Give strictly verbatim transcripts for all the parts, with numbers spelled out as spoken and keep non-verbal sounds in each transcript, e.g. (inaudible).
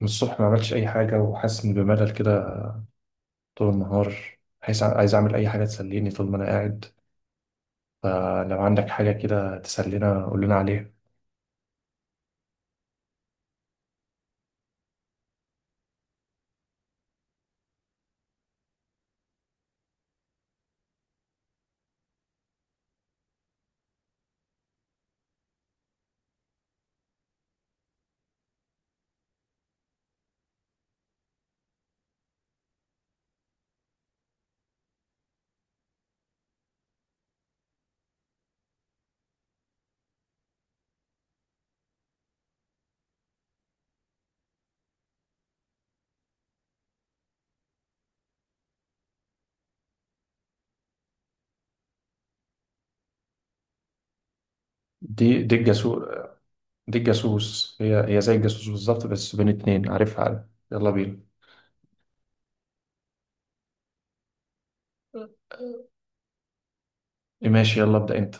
من الصبح ما عملتش أي حاجة وحاسس إن بملل كده طول النهار. عايز عايز أعمل أي حاجة تسليني طول ما أنا قاعد. فلو عندك حاجة كده تسلينا قول لنا عليها. دي دي الجاسوس. دي الجاسوس، هي هي زي الجاسوس بالظبط، بس بين اتنين عارفها عارف. يلا بينا. ماشي، يلا ابدأ أنت.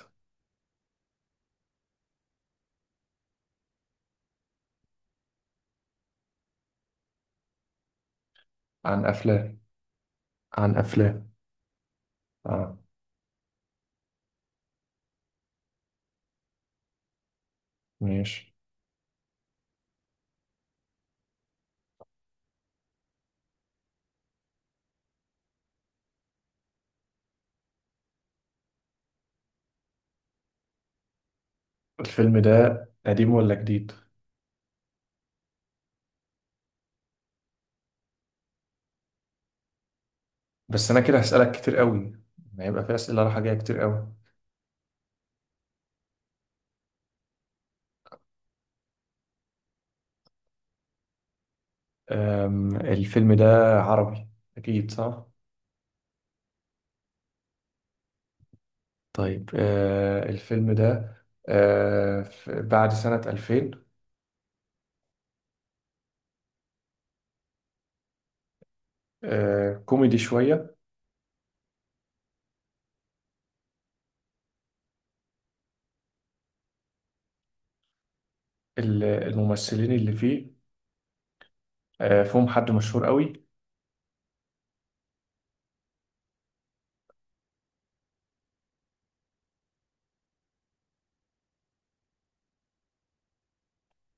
عن أفلام. عن أفلام. آه. ماشي. الفيلم ده قديم ولا جديد؟ بس أنا كده هسألك كتير قوي، هيبقى في أسئلة رايحة جاية كتير قوي. أم، الفيلم ده عربي. أكيد صح. طيب، آه الفيلم ده آه ف- بعد سنة ألفين. آه كوميدي شوية. ال- الممثلين اللي فيه آه فيهم حد مشهور قوي.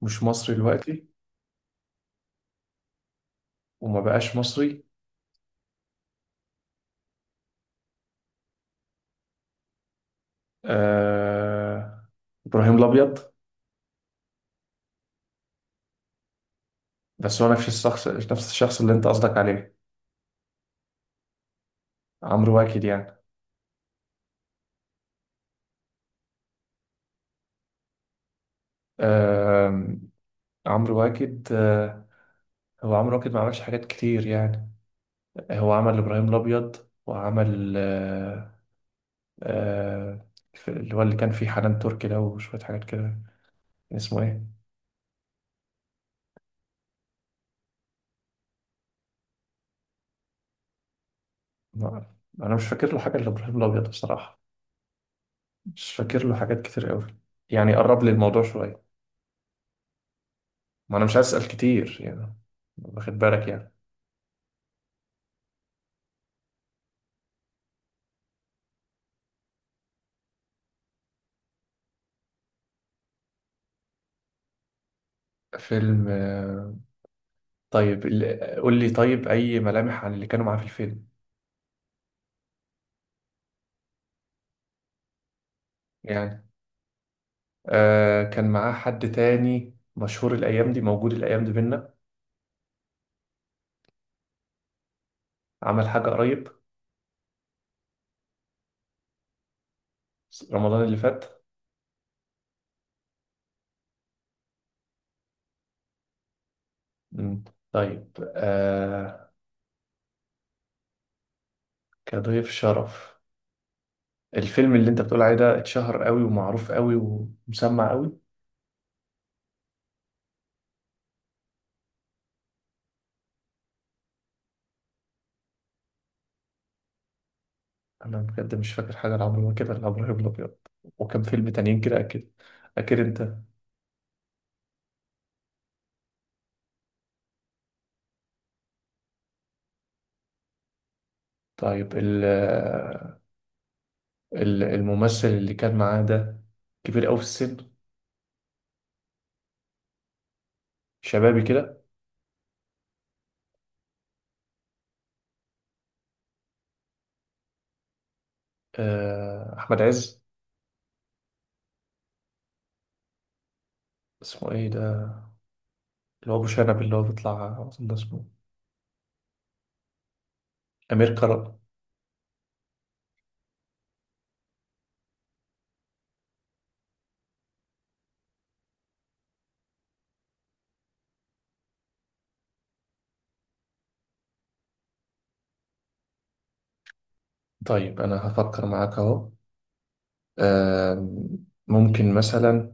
مش مصري دلوقتي. وما بقاش مصري. آه إبراهيم الأبيض. بس هو نفس الشخص، نفس الشخص اللي أنت قصدك عليه. عمرو واكد يعني. آه، عمرو واكد. آه هو عمرو واكد ما عملش حاجات كتير يعني. هو عمل إبراهيم الأبيض، وعمل آه، آه، اللي هو اللي كان فيه حنان تركي ده وشوية حاجات كده. كان اسمه إيه؟ ما- أنا مش فاكر له حاجة إلا إبراهيم الأبيض بصراحة. مش فاكر له حاجات كتير أوي. يعني قرب لي الموضوع شوية. ما أنا مش عايز أسأل كتير يعني، واخد بالك يعني؟ فيلم. آه، طيب، ال- قول لي طيب أي ملامح عن اللي كانوا معاه في الفيلم. يعني آه كان معاه حد تاني مشهور؟ الأيام دي موجود؟ الأيام دي بينا؟ عمل حاجة قريب؟ رمضان اللي فات. مم. طيب. آه كضيف شرف. الفيلم اللي انت بتقول عليه ده اتشهر قوي ومعروف قوي ومسمع قوي؟ انا بجد مش فاكر حاجه لعمرو واكد غير عمرو الابيض. وكم فيلم تانيين كده اكيد. اكيد انت. طيب، ال ال- الممثل اللي كان معاه ده كبير قوي في السن؟ شبابي كده؟ آه، احمد عز. اسمه ايه ده اللي هو ابو شنب اللي هو بيطلع أظن اسمه امير كرم. طيب، انا هفكر معاك اهو. آم، ممكن مثلا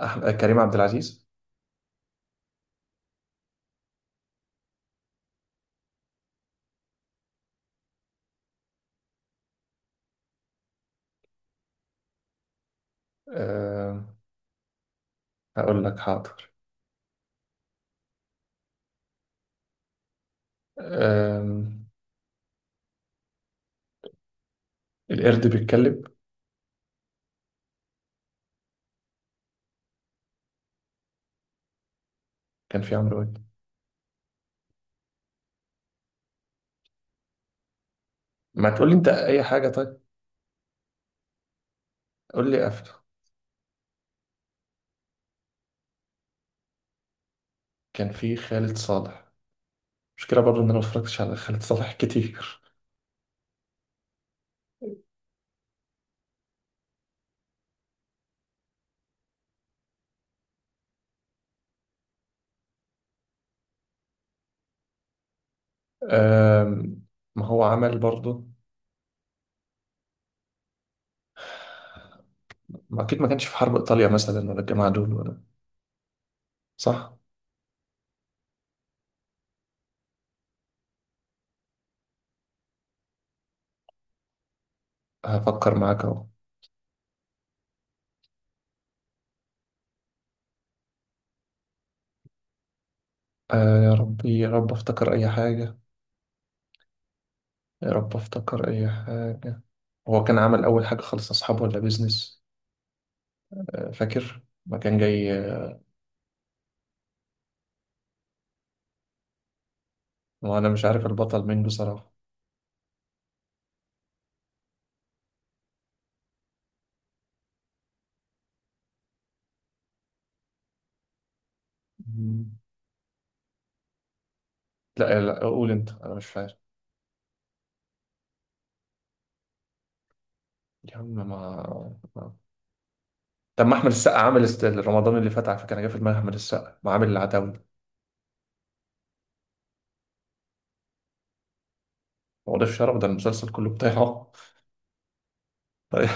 أح- كريم عبد العزيز. آم، هقول لك حاضر. أم... القرد بيتكلم. كان في عمرو واكد. ما تقول لي انت اي حاجه طيب. قول لي قفله. كان في خالد صالح. مشكله برضو ان انا ما اتفرجتش على خالد صالح كتير. أم... ما هو عمل برضو. ما اكيد ما كانش في حرب ايطاليا مثلا ولا الجماعه دول ولا. صح؟ هفكر معاك اهو. آه يا ربي، يا رب افتكر اي حاجه. يا رب افتكر اي حاجه. هو كان عمل اول حاجه خالص، اصحابه ولا بيزنس؟ آه فاكر ما كان جاي. آه، وانا مش عارف البطل مين بصراحه. مم. لا، لا، قول انت. انا مش فاهم. يا عم، ما ما- طب، ما احمد السقا عامل است- رمضان اللي فات على فكره. انا جه في دماغي احمد السقا، ما عامل العتاوله. هو ده في شرف. ده المسلسل كله بتاعه. (laughs) طيب،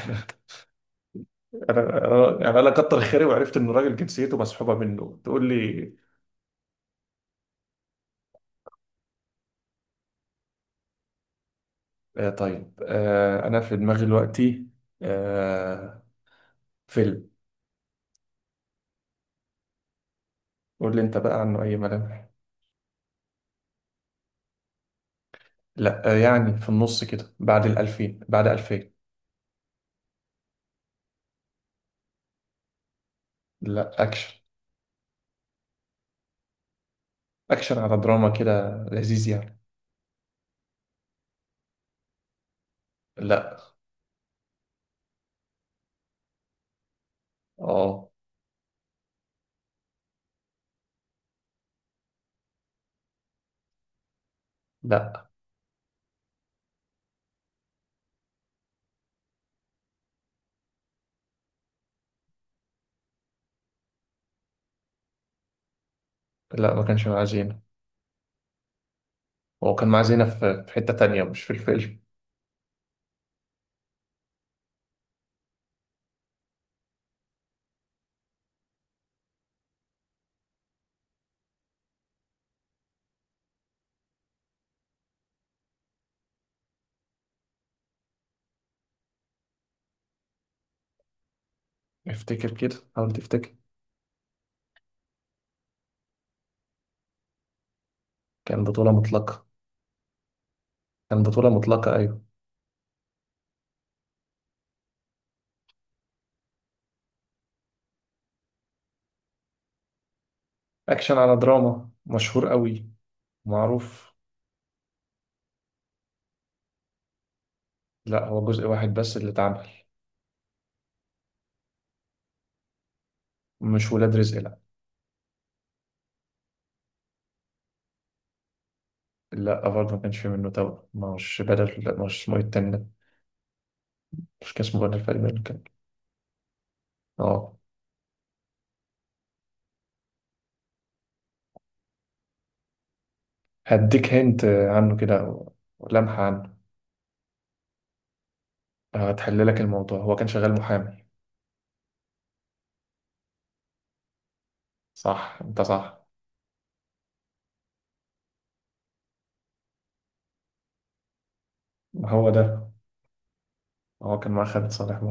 انا أنا- يعني انا كتر خيري وعرفت ان الراجل جنسيته مسحوبه منه تقول لي. آه طيب. آه انا في دماغي دلوقتي آه فيلم. قول لي انت بقى عنه اي ملامح. لا، آه يعني في النص كده، بعد الألفين، بعد ألفين. لا، اكشن. اكشن على دراما كده، لذيذ يعني. لا. اه. لا، لا، ما كانش معاه زينة. هو كان معاه زينة في في حتة تانية مش في الفيلم. افتكر كده، حاول تفتكر. كان بطولة مطلقة. كان بطولة مطلقة أيوة. أكشن على دراما، مشهور قوي. معروف. لا، هو جزء واحد بس اللي اتعمل. مش ولاد رزق، لا. لا، برضه ما كانش في منه توأم. مش بدل، لا، مش اسمه إيه التاني ده؟ مش كان اسمه بدل فايلر اللي كان؟ اه. هديك هنت عنه كده، أو لمحة عنه. هتحل لك الموضوع، هو كان شغال محامي. صح، انت صح. هو ده. هو كان مع خالد صالح.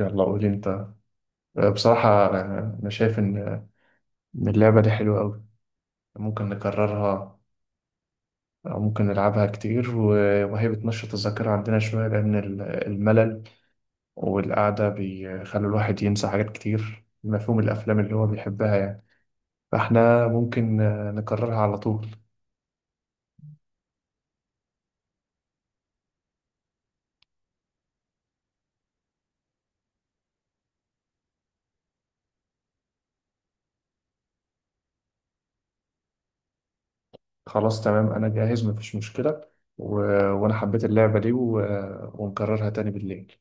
يلا، قولي انت. آه، بصراحة، آه، أنا شايف إن إن اللعبة دي حلوة أوي. ممكن نكررها. أو ممكن نلعبها كتير، و- وهي بتنشط الذاكرة عندنا شوية لأن ال- الملل والقعدة بيخلي الواحد ينسى حاجات كتير، مفهوم الأفلام اللي هو بيحبها يعني. فإحنا ممكن آه، نكررها على طول. خلاص تمام، أنا جاهز مفيش مشكلة. و... وأنا حبيت اللعبة دي و... ونكررها تاني بالليل.